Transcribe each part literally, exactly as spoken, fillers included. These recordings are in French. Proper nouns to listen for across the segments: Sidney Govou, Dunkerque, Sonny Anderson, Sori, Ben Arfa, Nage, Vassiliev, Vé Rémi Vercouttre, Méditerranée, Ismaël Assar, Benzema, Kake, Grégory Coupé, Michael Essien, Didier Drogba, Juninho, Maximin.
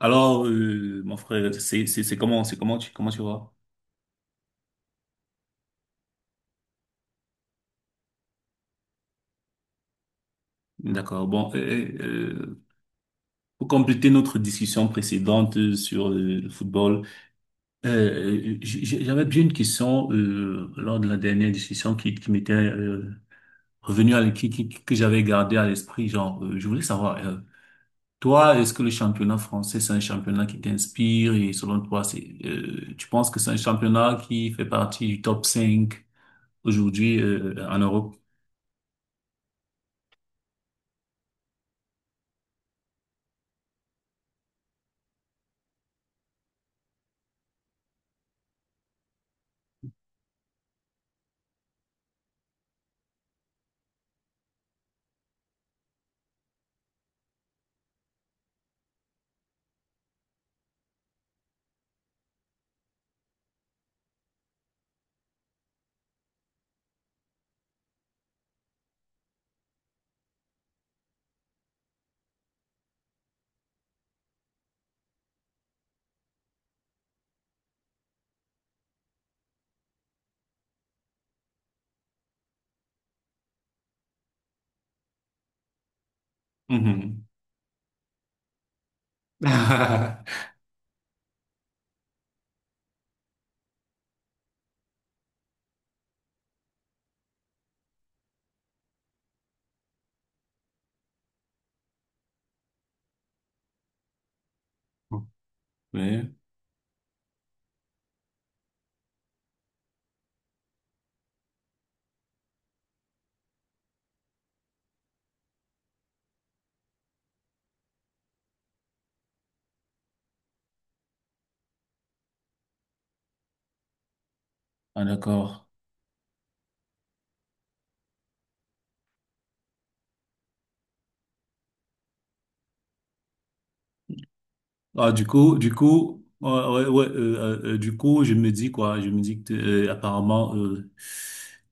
Alors, euh, mon frère, c'est c'est c'est comment c'est comment tu comment tu vois? D'accord. Bon, euh, euh, pour compléter notre discussion précédente euh, sur euh, le football, euh, euh, j- j- j'avais bien une question euh, lors de la dernière discussion qui qui m'était euh, revenue à l- qui, qui- que j'avais gardée à l'esprit. Genre, euh, je voulais savoir, euh, toi, est-ce que le championnat français c'est un championnat qui t'inspire et selon toi, c'est euh, tu penses que c'est un championnat qui fait partie du top cinq aujourd'hui euh, en Europe? Ah. Oui, ah, d'accord. Ah, du coup, du coup, ouais, ouais, ouais, euh, euh, euh, du coup, je me dis quoi? Je me dis que t'es- euh, apparemment, euh,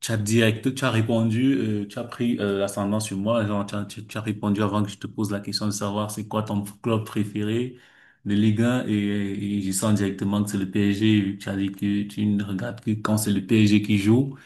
tu as direct, tu as répondu, euh, tu as pris euh, l'ascendant sur moi. Genre, tu as, tu- tu as répondu avant que je te pose la question de savoir c'est quoi ton club préféré de Ligue un et, et je sens directement que c'est le P S G, vu que tu as dit que tu ne regardes que quand c'est le P S G qui joue.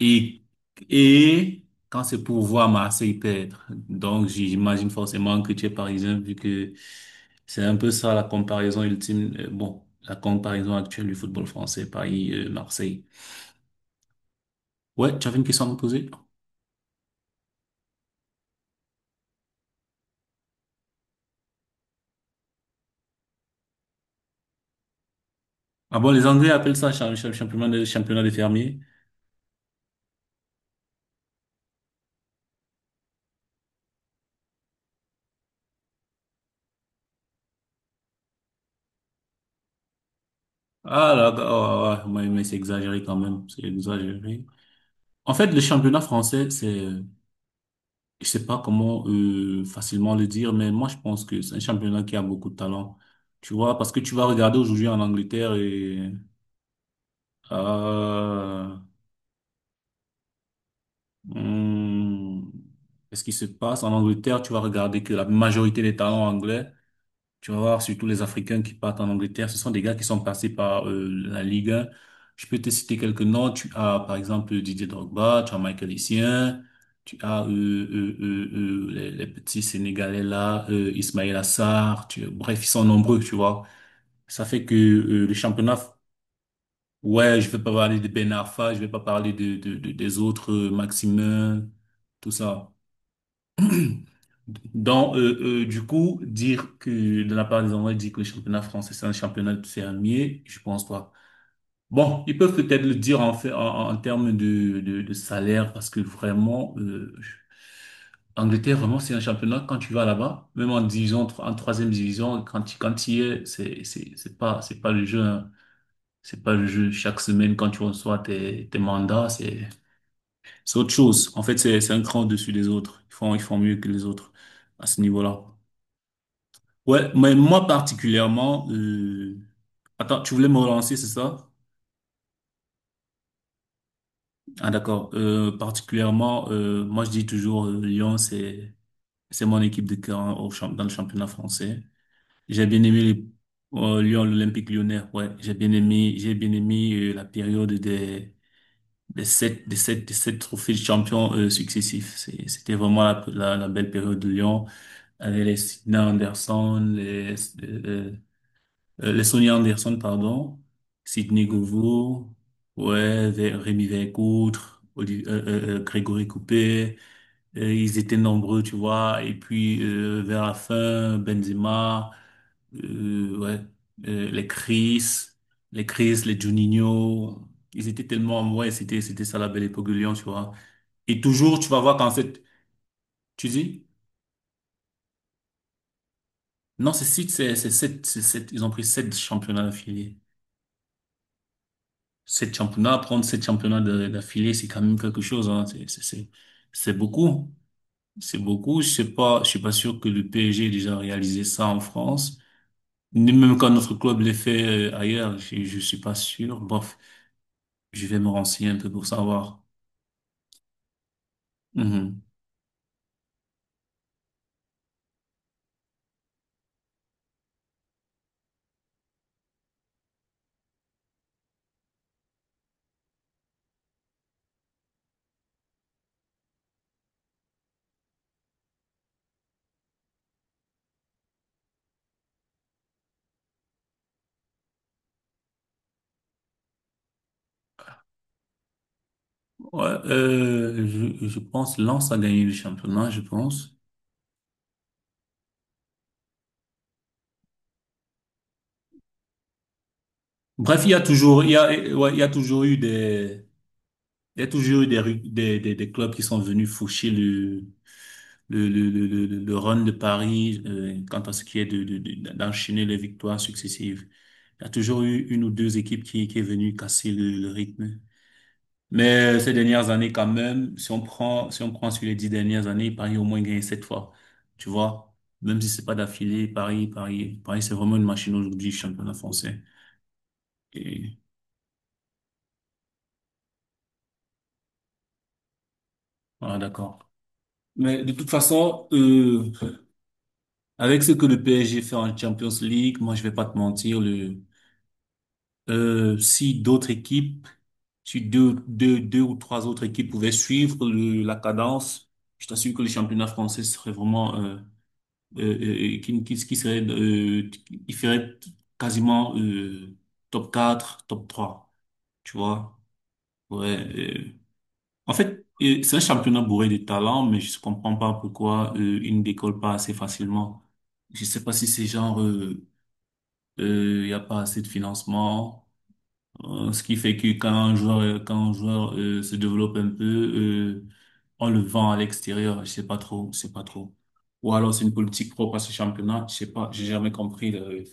Et, et quand c'est pour voir Marseille perdre, donc j'imagine forcément que tu es parisien vu que c'est un peu ça la comparaison ultime, euh, bon, la comparaison actuelle du football français, Paris-Marseille. Ouais, tu avais une question à me poser? Ah bon, les Anglais appellent ça cha- cha- championnat de, championnat des fermiers. Ah là, oh, ouais, ouais, mais c'est exagéré quand même, c'est exagéré. En fait, le championnat français, c'est... euh, je sais pas comment euh, facilement le dire, mais moi je pense que c'est un championnat qui a beaucoup de talent. Tu vois, parce que tu vas regarder aujourd'hui en Angleterre et euh, hmm, ce qui se passe en Angleterre, tu vas regarder que la majorité des talents anglais. Tu vas voir, surtout les Africains qui partent en Angleterre, ce sont des gars qui sont passés par euh, la Ligue un. Je peux te citer quelques noms. Tu as, par exemple, Didier Drogba, tu as Michael Essien, tu as euh, euh, euh, euh, les, les petits Sénégalais là, euh, Ismaël Assar, tu- bref, ils sont nombreux, tu vois. Ça fait que euh, le championnat, ouais, je vais pas parler de Ben Arfa, je vais pas parler de, de, de- des autres, euh, Maximin, tout ça. Donc, euh, euh, du coup, dire que de la part des Anglais, dire que le championnat français, c'est un championnat fermier, je pense pas. Bon, ils peuvent peut-être le dire en fait, en, en termes de, de, de salaire, parce que vraiment, euh, je- Angleterre, vraiment, c'est un championnat, quand tu vas là-bas, même en division, tro- en troisième division, quand tu, quand tu y es, c'est, c'est, c'est pas, c'est pas le jeu, hein. C'est pas le jeu. Chaque semaine, quand tu reçois tes, tes mandats, c'est, c'est autre chose. En fait, c'est, c'est un cran au-dessus des autres. Ils font, ils font mieux que les autres à ce niveau-là. Ouais, mais moi particulièrement, euh, attends, tu voulais me relancer, c'est ça? Ah d'accord. Euh, particulièrement, euh, moi je dis toujours euh, Lyon, c'est c'est mon équipe de cœur hein, au champ- dans le championnat français. J'ai bien aimé les, euh, Lyon, l'Olympique Lyonnais. Ouais, j'ai bien aimé, j'ai bien aimé euh, la période des des sept des sept des sept trophées de champion euh, successifs. C'est- C'était vraiment la, la la belle période de Lyon avec les Sina Anderson, les euh, Euh, les Sonny Anderson, pardon, Sidney Govou, ouais, Vé- Rémi Vercouttre, Oli- euh, euh, euh, Grégory Coupé, euh, ils étaient nombreux, tu vois, et puis euh, vers la fin, Benzema, euh, ouais, euh, les Chris, les Chris, les Juninho, ils étaient tellement, ouais, c'était, c'était ça la belle époque de Lyon, tu vois. Et toujours, tu vas voir quand cette, tu dis, non, c'est six, c'est c'est sept, c'est sept, ils ont pris sept championnats affiliés. Sept championnats, prendre sept championnats de- d'affilée, c'est quand même quelque chose, hein. C'est, c'est, c'est c'est beaucoup. C'est beaucoup. Je sais pas, je suis pas sûr que le P S G ait déjà réalisé ça en France. Ni même quand notre club l'ait fait euh, ailleurs, je, je suis pas sûr. Bref, je vais me renseigner un peu pour savoir. Mhm. Ouais, euh, je, je pense Lens a gagné le championnat, je pense. Bref, il y a toujours, il y a, ouais, il y a toujours eu des, Il y a toujours eu des, ru- des, des, des clubs qui sont venus faucher le, le, le, le, le, le- le run de Paris euh, quant à ce qui est de, de, de- d'enchaîner les victoires successives. Il y a toujours eu une ou deux équipes qui, qui est venue casser le, le rythme. Mais euh, ces dernières années, quand même, si on prend, si on prend sur les dix dernières années, Paris a au moins gagné sept fois. Tu vois? Même si c'est pas d'affilée, Paris, Paris, Paris, c'est vraiment une machine aujourd'hui, championnat français. Et voilà, d'accord. Mais de toute façon, euh, avec ce que le P S G fait en Champions League, moi, je vais pas te mentir, le, euh, si d'autres équipes, si deux, deux, deux ou trois autres équipes pouvaient suivre le, la cadence, je t'assure que le championnat français serait vraiment, euh, euh, euh, euh, qui, qui, qui serait, euh, il ferait quasiment, euh, top quatre, top trois, tu vois? Ouais, euh, en fait, euh, c'est un championnat bourré de talents, mais je ne comprends pas pourquoi, euh, il ne décolle pas assez facilement. Je sais pas si c'est genre, euh, il n'y a pas assez de financement, euh, ce qui fait que quand un joueur, euh, quand un joueur euh, se développe un peu, euh, on le vend à l'extérieur, je sais pas trop, je sais pas trop. Ou alors c'est une politique propre à ce championnat, je sais pas, j'ai jamais compris. le-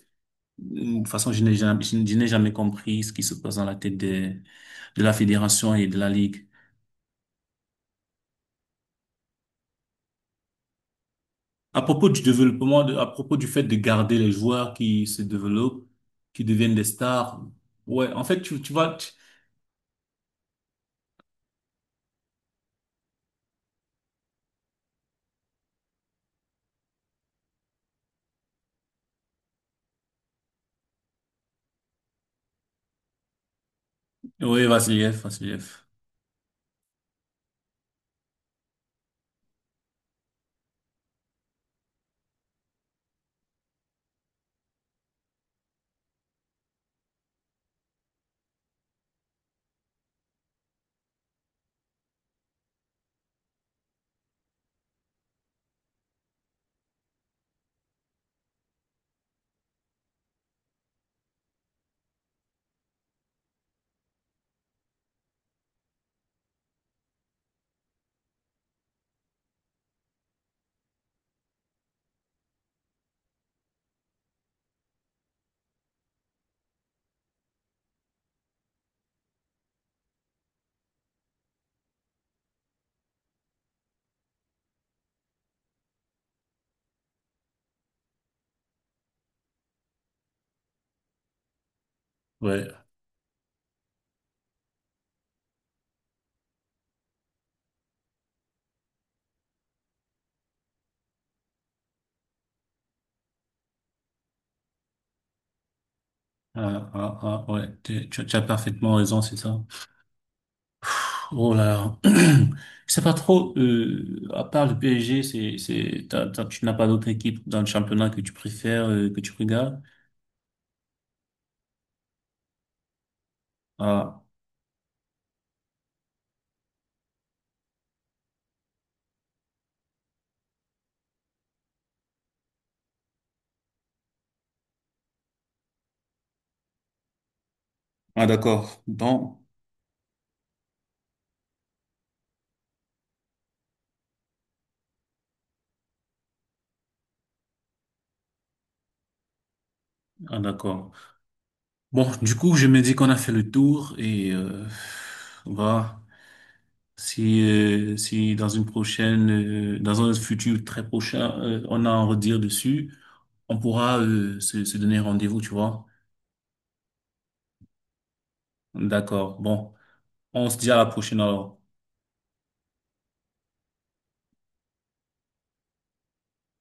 De toute façon, je n'ai jamais, je n'ai jamais compris ce qui se passe dans la tête des, de la fédération et de la ligue. À propos du développement, de- à propos du fait de garder les joueurs qui se développent, qui deviennent des stars. Ouais, en fait, tu, tu vois, tu... Ouais, Vassiliev, Vassiliev. Ouais. Ah, ah, ah, ouais, tu, tu- tu as parfaitement raison, c'est ça. Oh là là. Je sais pas trop, euh, à part le P S G, c'est, c'est, t'as- t'as- tu n'as pas d'autre équipe dans le championnat que tu préfères, euh, que tu regardes? Ah, ah d'accord. Bon, ah d'accord. Bon, du coup, je me dis qu'on a fait le tour et euh, voilà. Si, euh, si dans une prochaine, euh, dans un futur très prochain, euh, on a à en redire dessus, on pourra euh, se, se donner rendez-vous, tu vois. D'accord. Bon. On se dit à la prochaine alors.